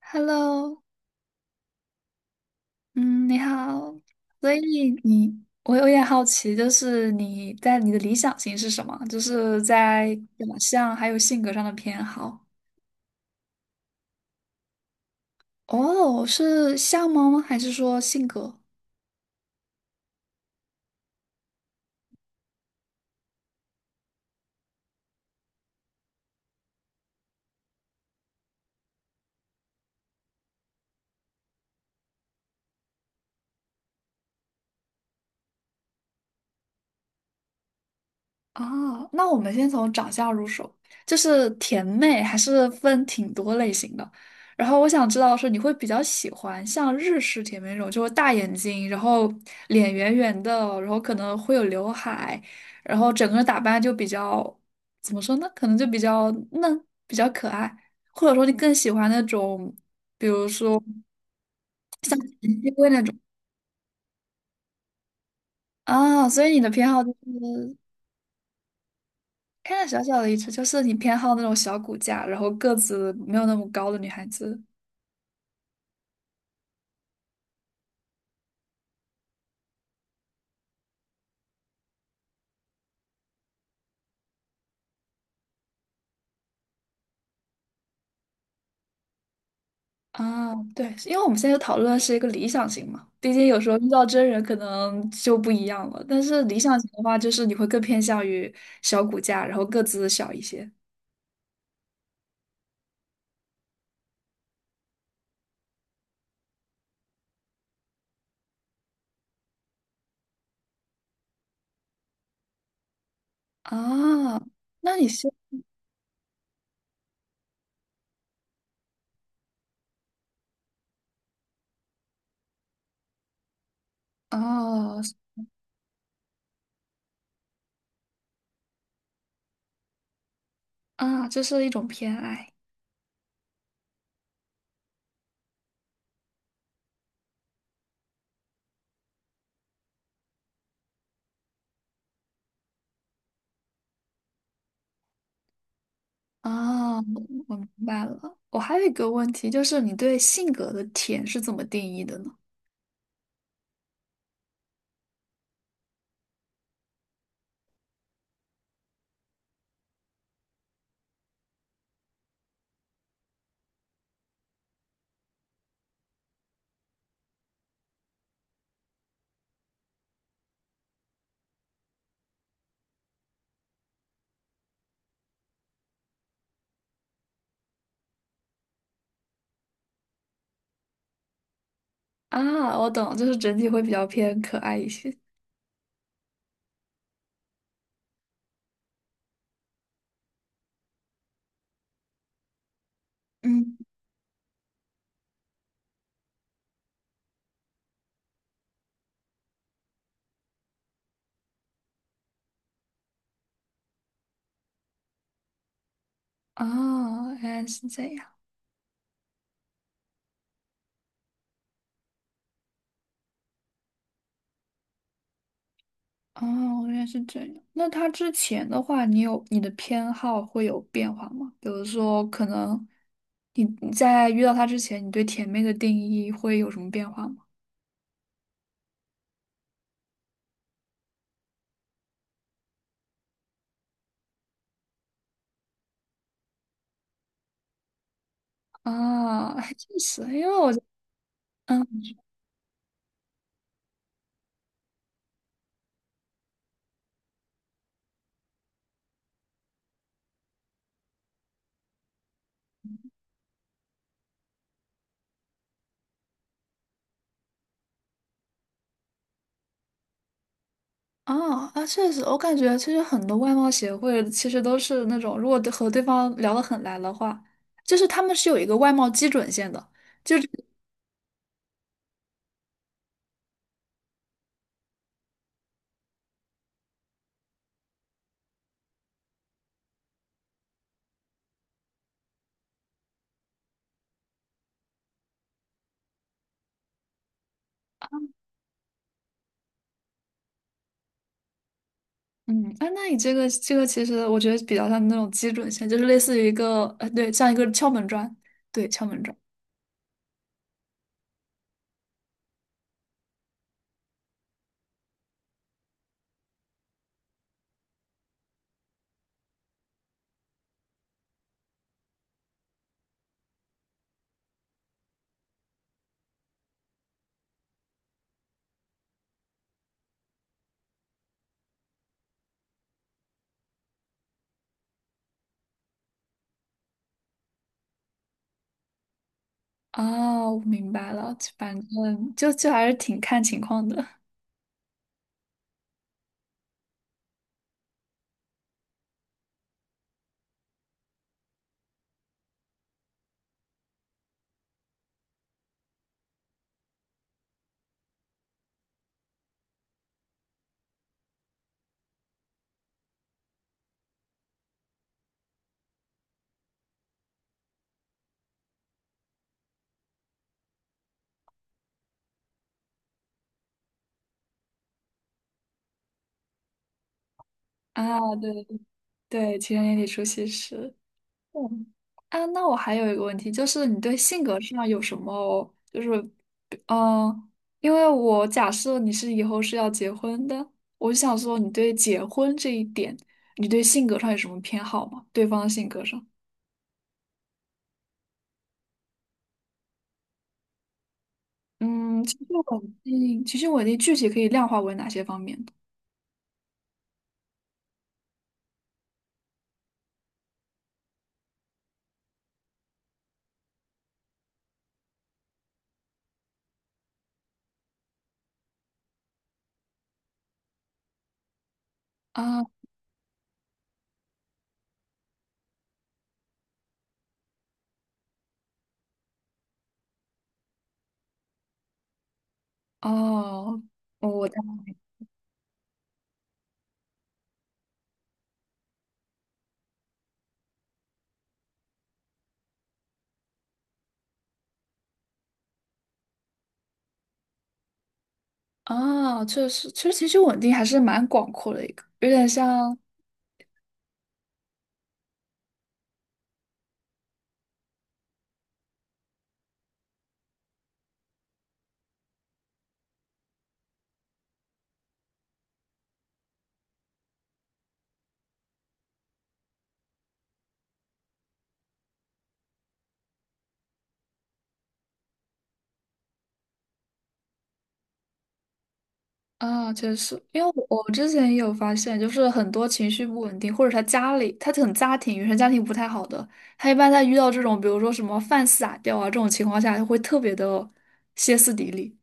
Hello，嗯，你好。所以你，我有点好奇，就是你你的理想型是什么？就是在长相还有性格上的偏好。哦，是相貌吗？还是说性格？啊，那我们先从长相入手，就是甜妹还是分挺多类型的。然后我想知道是你会比较喜欢像日式甜妹那种，就是大眼睛，然后脸圆圆的，然后可能会有刘海，然后整个人打扮就比较，怎么说呢？可能就比较嫩，比较可爱，或者说你更喜欢那种，比如说熠熠龟那种。啊。所以你的偏好就是看着小小的一只，就是你偏好那种小骨架，然后个子没有那么高的女孩子。啊。对，因为我们现在讨论的是一个理想型嘛，毕竟有时候遇到真人可能就不一样了。但是理想型的话，就是你会更偏向于小骨架，然后个子小一些。啊。那你是哦，啊，这是一种偏爱。啊，我明白了，我还有一个问题，就是你对性格的甜是怎么定义的呢？啊，我懂，就是整体会比较偏可爱一些。嗯，哦，原来是这样。哦，原来是这样。那他之前的话，你有你的偏好会有变化吗？比如说，可能你在遇到他之前，你对甜妹的定义会有什么变化吗？啊，还确实，因为我嗯。啊啊，确实，我感觉其实很多外貌协会其实都是那种，如果对和对方聊得很来的话，就是他们是有一个外貌基准线的。就。嗯，哎，那你这个其实我觉得比较像那种基准线，就是类似于一个对，像一个敲门砖，对，敲门砖。哦，我明白了，反正就还是挺看情况的。啊。对对，对，情人眼里出西施。嗯，啊，那我还有一个问题，就是你对性格上有什么，就是嗯，呃因为我假设你是以后是要结婚的，我就想说你对结婚这一点，你对性格上有什么偏好吗？对方的性格上。嗯，情绪稳定，情绪稳定具体可以量化为哪些方面的？啊？哦，我的。啊，确实，其实情绪稳定还是蛮广阔的一个，有点像。啊，确实，因为我之前也有发现，就是很多情绪不稳定，或者他家里他很家庭原生家庭不太好的，他一般在遇到这种比如说什么饭撒掉啊这种情况下，他会特别的歇斯底里。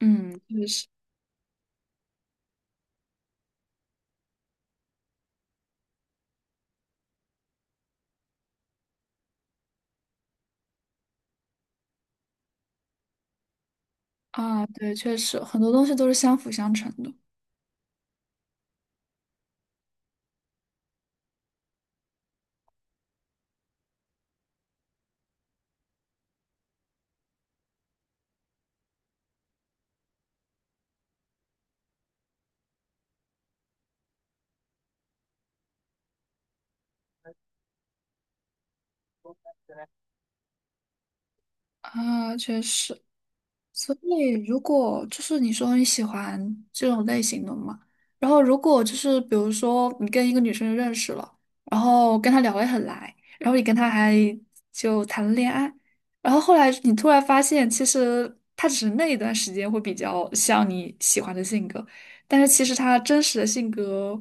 嗯，确实。啊，对，确实很多东西都是相辅相成的。啊，确实，所以，如果就是你说你喜欢这种类型的嘛，然后如果就是比如说你跟一个女生认识了，然后跟她聊得很来，然后你跟她还就谈了恋爱，然后后来你突然发现，其实她只是那一段时间会比较像你喜欢的性格，但是其实她真实的性格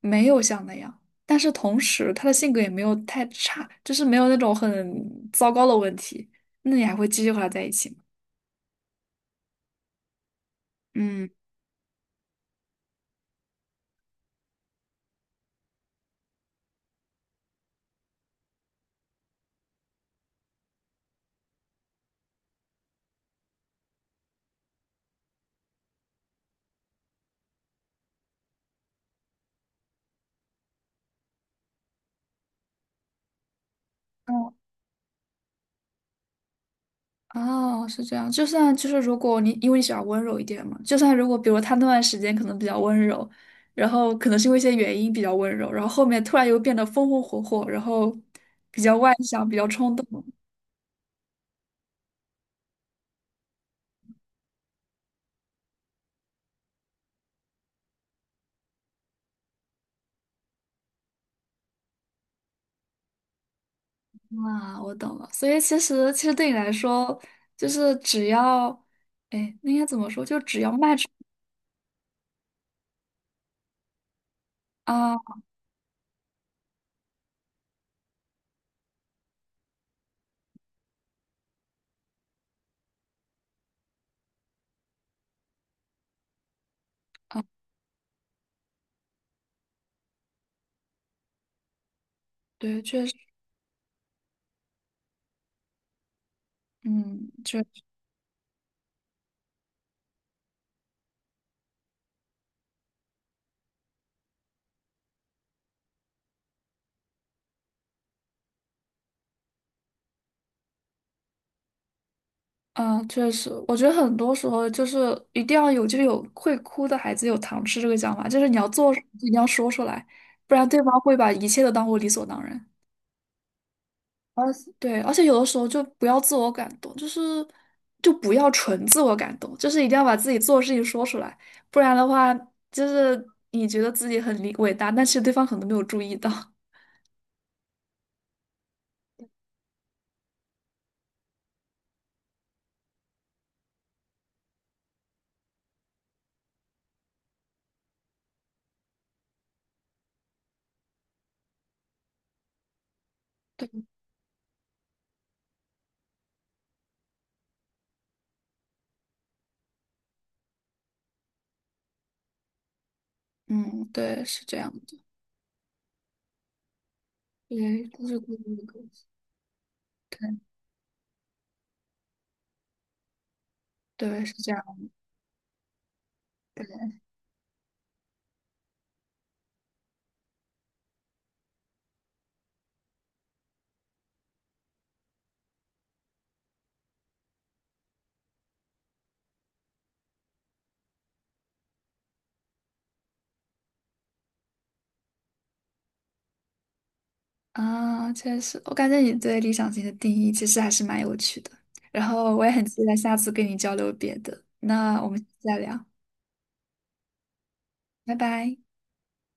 没有像那样，但是同时她的性格也没有太差，就是没有那种很糟糕的问题，那你还会继续和她在一起吗？嗯。哦，哦，是这样。就算就是，如果你因为你喜欢温柔一点嘛，就算如果比如他那段时间可能比较温柔，然后可能是因为一些原因比较温柔，然后后面突然又变得风风火火，然后比较外向，比较冲动。啊，我懂了。所以其实对你来说，就是只要，哎，那应该怎么说？就只要迈出。啊，对，确实，嗯，确。嗯，确实，我觉得很多时候就是一定要有，就是有会哭的孩子有糖吃这个讲法，就是你要做，你要说出来，不然对方会把一切都当做理所当然。而对，而且有的时候就不要自我感动，就是就不要纯自我感动，就是一定要把自己做的事情说出来，不然的话，就是你觉得自己很理伟大，但是对方可能没有注意到。对，嗯，对，是这样的，对，都是孤独的个体。对，是这样。啊，确实，我感觉你对理想型的定义其实还是蛮有趣的。然后我也很期待下次跟你交流别的。那我们下次再聊，拜拜。